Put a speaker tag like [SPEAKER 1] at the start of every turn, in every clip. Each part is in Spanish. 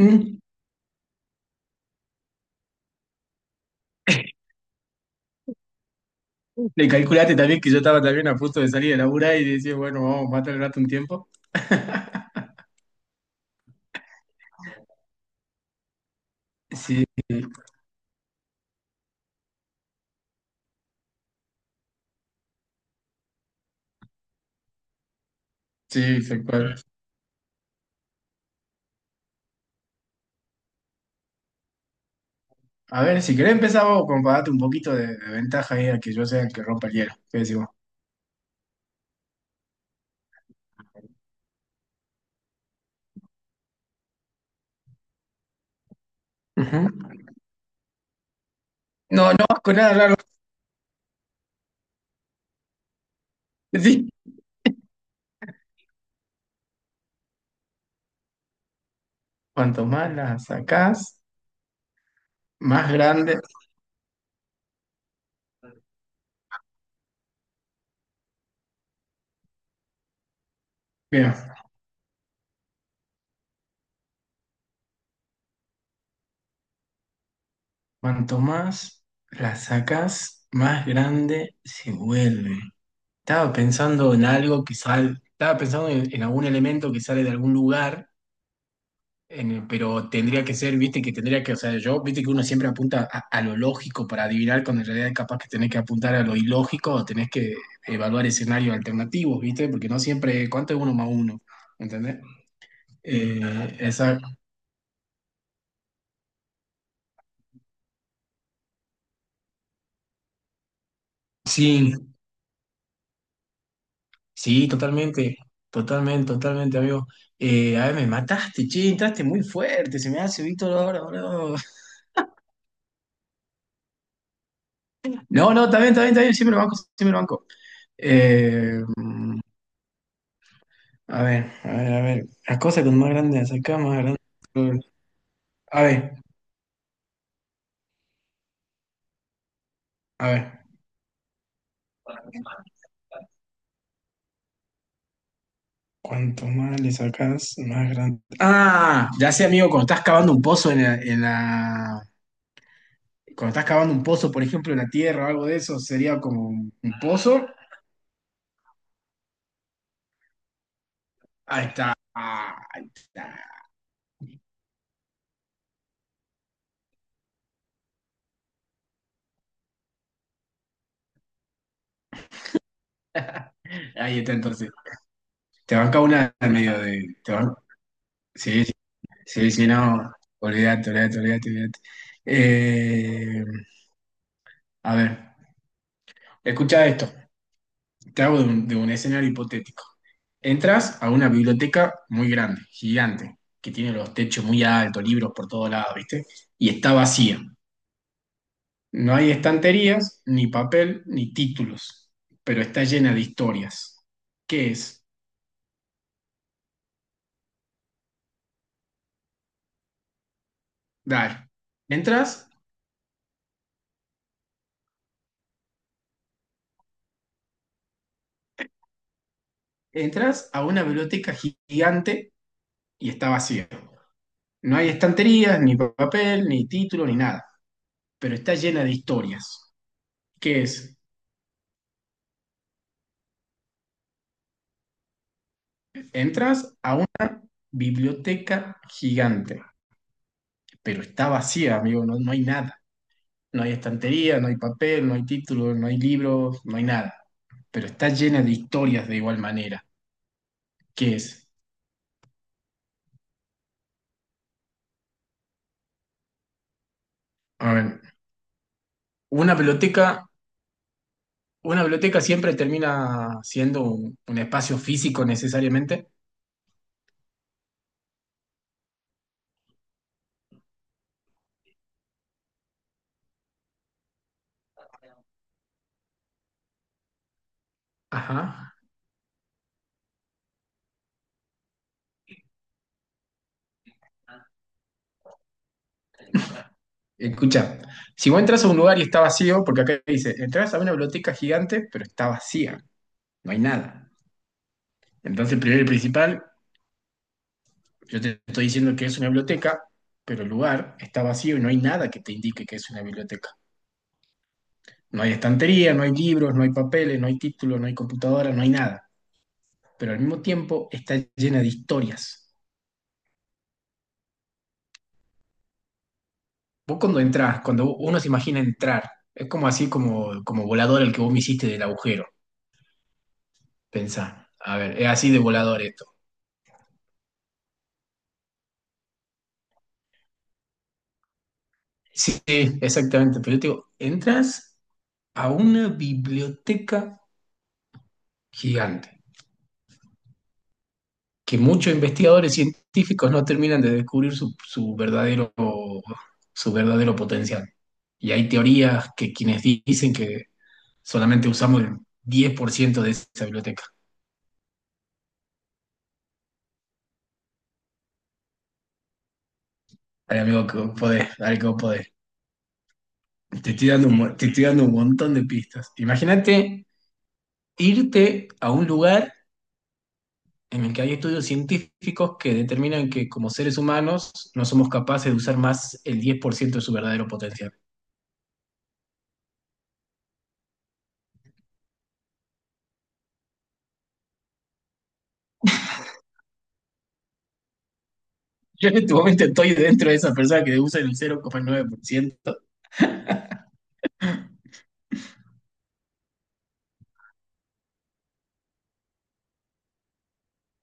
[SPEAKER 1] Mm. Le calculaste también que yo estaba también a punto de salir de laburar y decía, bueno, vamos a matar el rato un tiempo. Sí, sí, tal cual. A ver, si querés empezar vos con para darte un poquito de ventaja ahí a que yo sea el que rompa el hielo. ¿Qué decís vos? Ujú. No, no, con nada largo. Sí. Cuanto más las sacás, más grande. Bien, cuanto más las sacás, más grande se vuelve. Estaba pensando en algo que sale, estaba pensando en algún elemento que sale de algún lugar. Pero tendría que ser, viste, que tendría que, o sea, yo, viste que uno siempre apunta a lo lógico para adivinar, cuando en realidad capaz que tenés que apuntar a lo ilógico o tenés que evaluar escenarios alternativos, viste, porque no siempre, ¿cuánto es uno más uno? ¿Entendés? Eh, esa, sí, sí, totalmente, totalmente, totalmente, amigo. A ver, me mataste, che, entraste muy fuerte, se me hace Víctor ahora, boludo. No, no, está bien, está bien, está bien, siempre lo banco, siempre lo banco. Eh, A ver, a ver, a ver. La cosa con más grande la sacas, más grande. A ver, a ver. Cuanto más le sacas, más grande. Ah, ya sé, amigo, cuando estás cavando un pozo en la, cuando estás cavando un pozo, por ejemplo, en la tierra o algo de eso, sería como un pozo. Ahí está. Ahí está. Ahí está entonces. Te banca una en medio de. Sí, sí, sí, sí, no. Olvídate, olvídate, olvídate, olvídate. Eh, a ver, escucha esto. Te hago de un escenario hipotético. Entras a una biblioteca muy grande, gigante, que tiene los techos muy altos, libros por todos lados, ¿viste? Y está vacía. No hay estanterías, ni papel, ni títulos, pero está llena de historias. ¿Qué es? Dar. Entras, entras a una biblioteca gigante y está vacía. No hay estanterías, ni papel, ni título, ni nada, pero está llena de historias. ¿Qué es? Entras a biblioteca gigante, pero está vacía, amigo, no, no hay nada. No hay estantería, no hay papel, no hay títulos, no hay libros, no hay nada. Pero está llena de historias de igual manera. ¿Qué es? A ver, una biblioteca, una biblioteca siempre termina siendo un espacio físico necesariamente. Ajá. Escucha, si vos entras a un lugar y está vacío, porque acá dice, entras a una biblioteca gigante, pero está vacía, no hay nada. Entonces, primero y principal, yo te estoy diciendo que es una biblioteca, pero el lugar está vacío y no hay nada que te indique que es una biblioteca. No hay estantería, no hay libros, no hay papeles, no hay títulos, no hay computadora, no hay nada. Pero al mismo tiempo está llena de historias. Vos cuando entras, cuando uno se imagina entrar, es como así como, como volador el que vos me hiciste del agujero. Pensá, a ver, es así de volador esto. Sí, sí, exactamente. Pero yo te digo, entras a una biblioteca gigante. Que muchos investigadores científicos no terminan de descubrir su, su verdadero potencial. Y hay teorías que quienes dicen que solamente usamos el 10% de esa biblioteca. Ay, amigo, que vos podés, dale que vos podés. Te estoy dando un, te estoy dando un montón de pistas. Imagínate irte a un lugar en el que hay estudios científicos que determinan que como seres humanos no somos capaces de usar más el 10% de su verdadero potencial. Yo en este momento estoy dentro de esa persona que usa el 0,9%.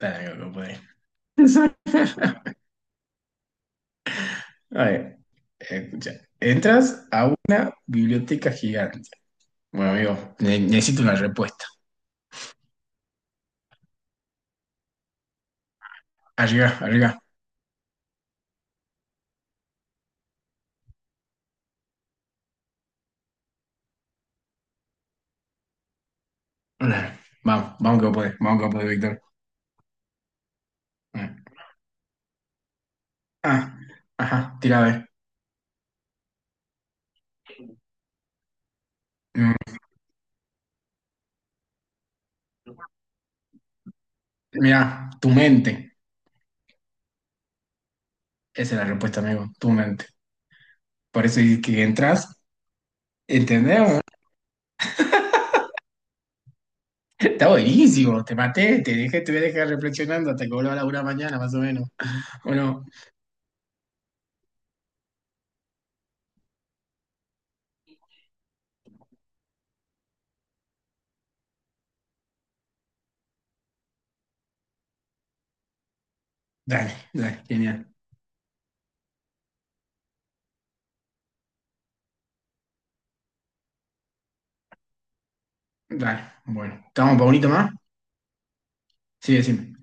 [SPEAKER 1] Dale, no puede. A ver, escucha. Entras a una biblioteca gigante. Bueno, amigo, necesito una respuesta. Arriba, arriba. Vamos, vamos que vos podés, vamos que vos podés, Víctor. Ah, ajá, tira a ver. Mm. Mira, tu mente. Esa es la respuesta, amigo, tu mente. Por eso es que entras, ¿entendés? Está buenísimo, te maté, te dejé, te voy a dejar reflexionando hasta que vuelva a la una mañana, más o menos. Bueno, dale, dale, genial. Dale, bueno. ¿Estamos para bonito más? Sí, decime.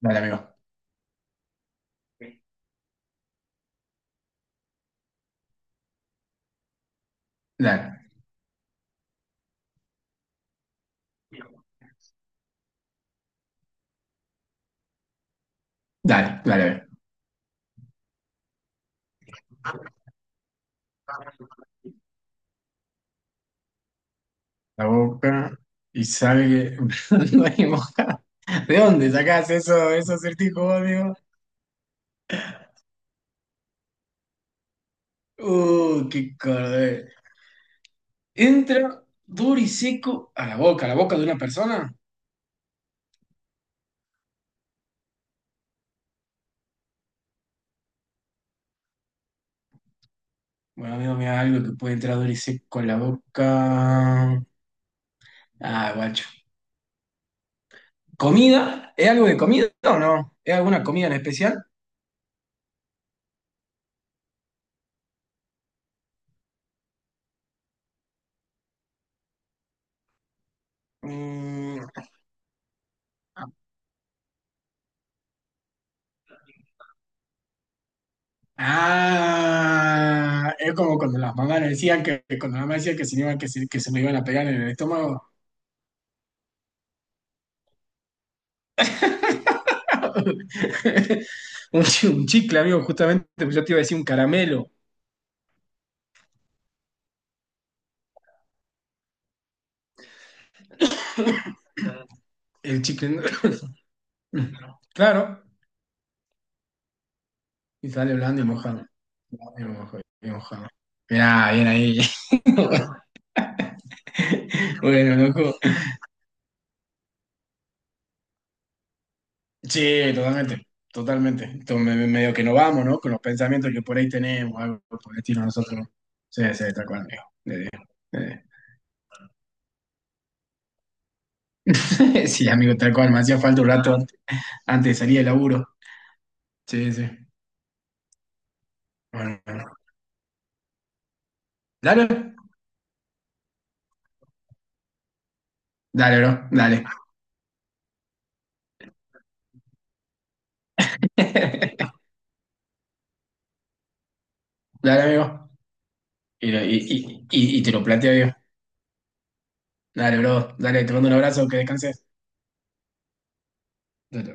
[SPEAKER 1] Dale, amigo. Dale. Dale, dale, a ver. La boca y sale no hay mojada. ¿De dónde sacás eso, esos acertijos, vos, amigo? Qué cordel. Entra duro y seco a la boca de una persona. Bueno, amigo, mira algo que puede entrar duro y seco a la boca. Ah, guacho. ¿Comida? ¿Es algo de comida o no? ¿Es alguna comida en especial? Mm, ah, es como cuando las mamás nos decían que cuando la mamá decía que se, que, se, que se lo iban a pegar en el estómago. Un, un chicle, amigo, justamente, pues yo te iba a decir un caramelo. El chicle. Claro, y sale blando y mojado. Mira, bien ahí. Bueno, loco. Sí, totalmente, totalmente. Entonces, medio que nos vamos, ¿no? Con los pensamientos que por ahí tenemos, algo por el estilo nosotros. Sí, sí, tal cual, amigo. Sí, amigo, tal cual. Me hacía falta un rato antes, antes de salir del laburo. Sí, sí. Bueno, bueno. Dale, dale, bro, dale. Dale, amigo. Y te lo planteo yo. Dale, bro, dale, te mando un abrazo, que descanses. Dale.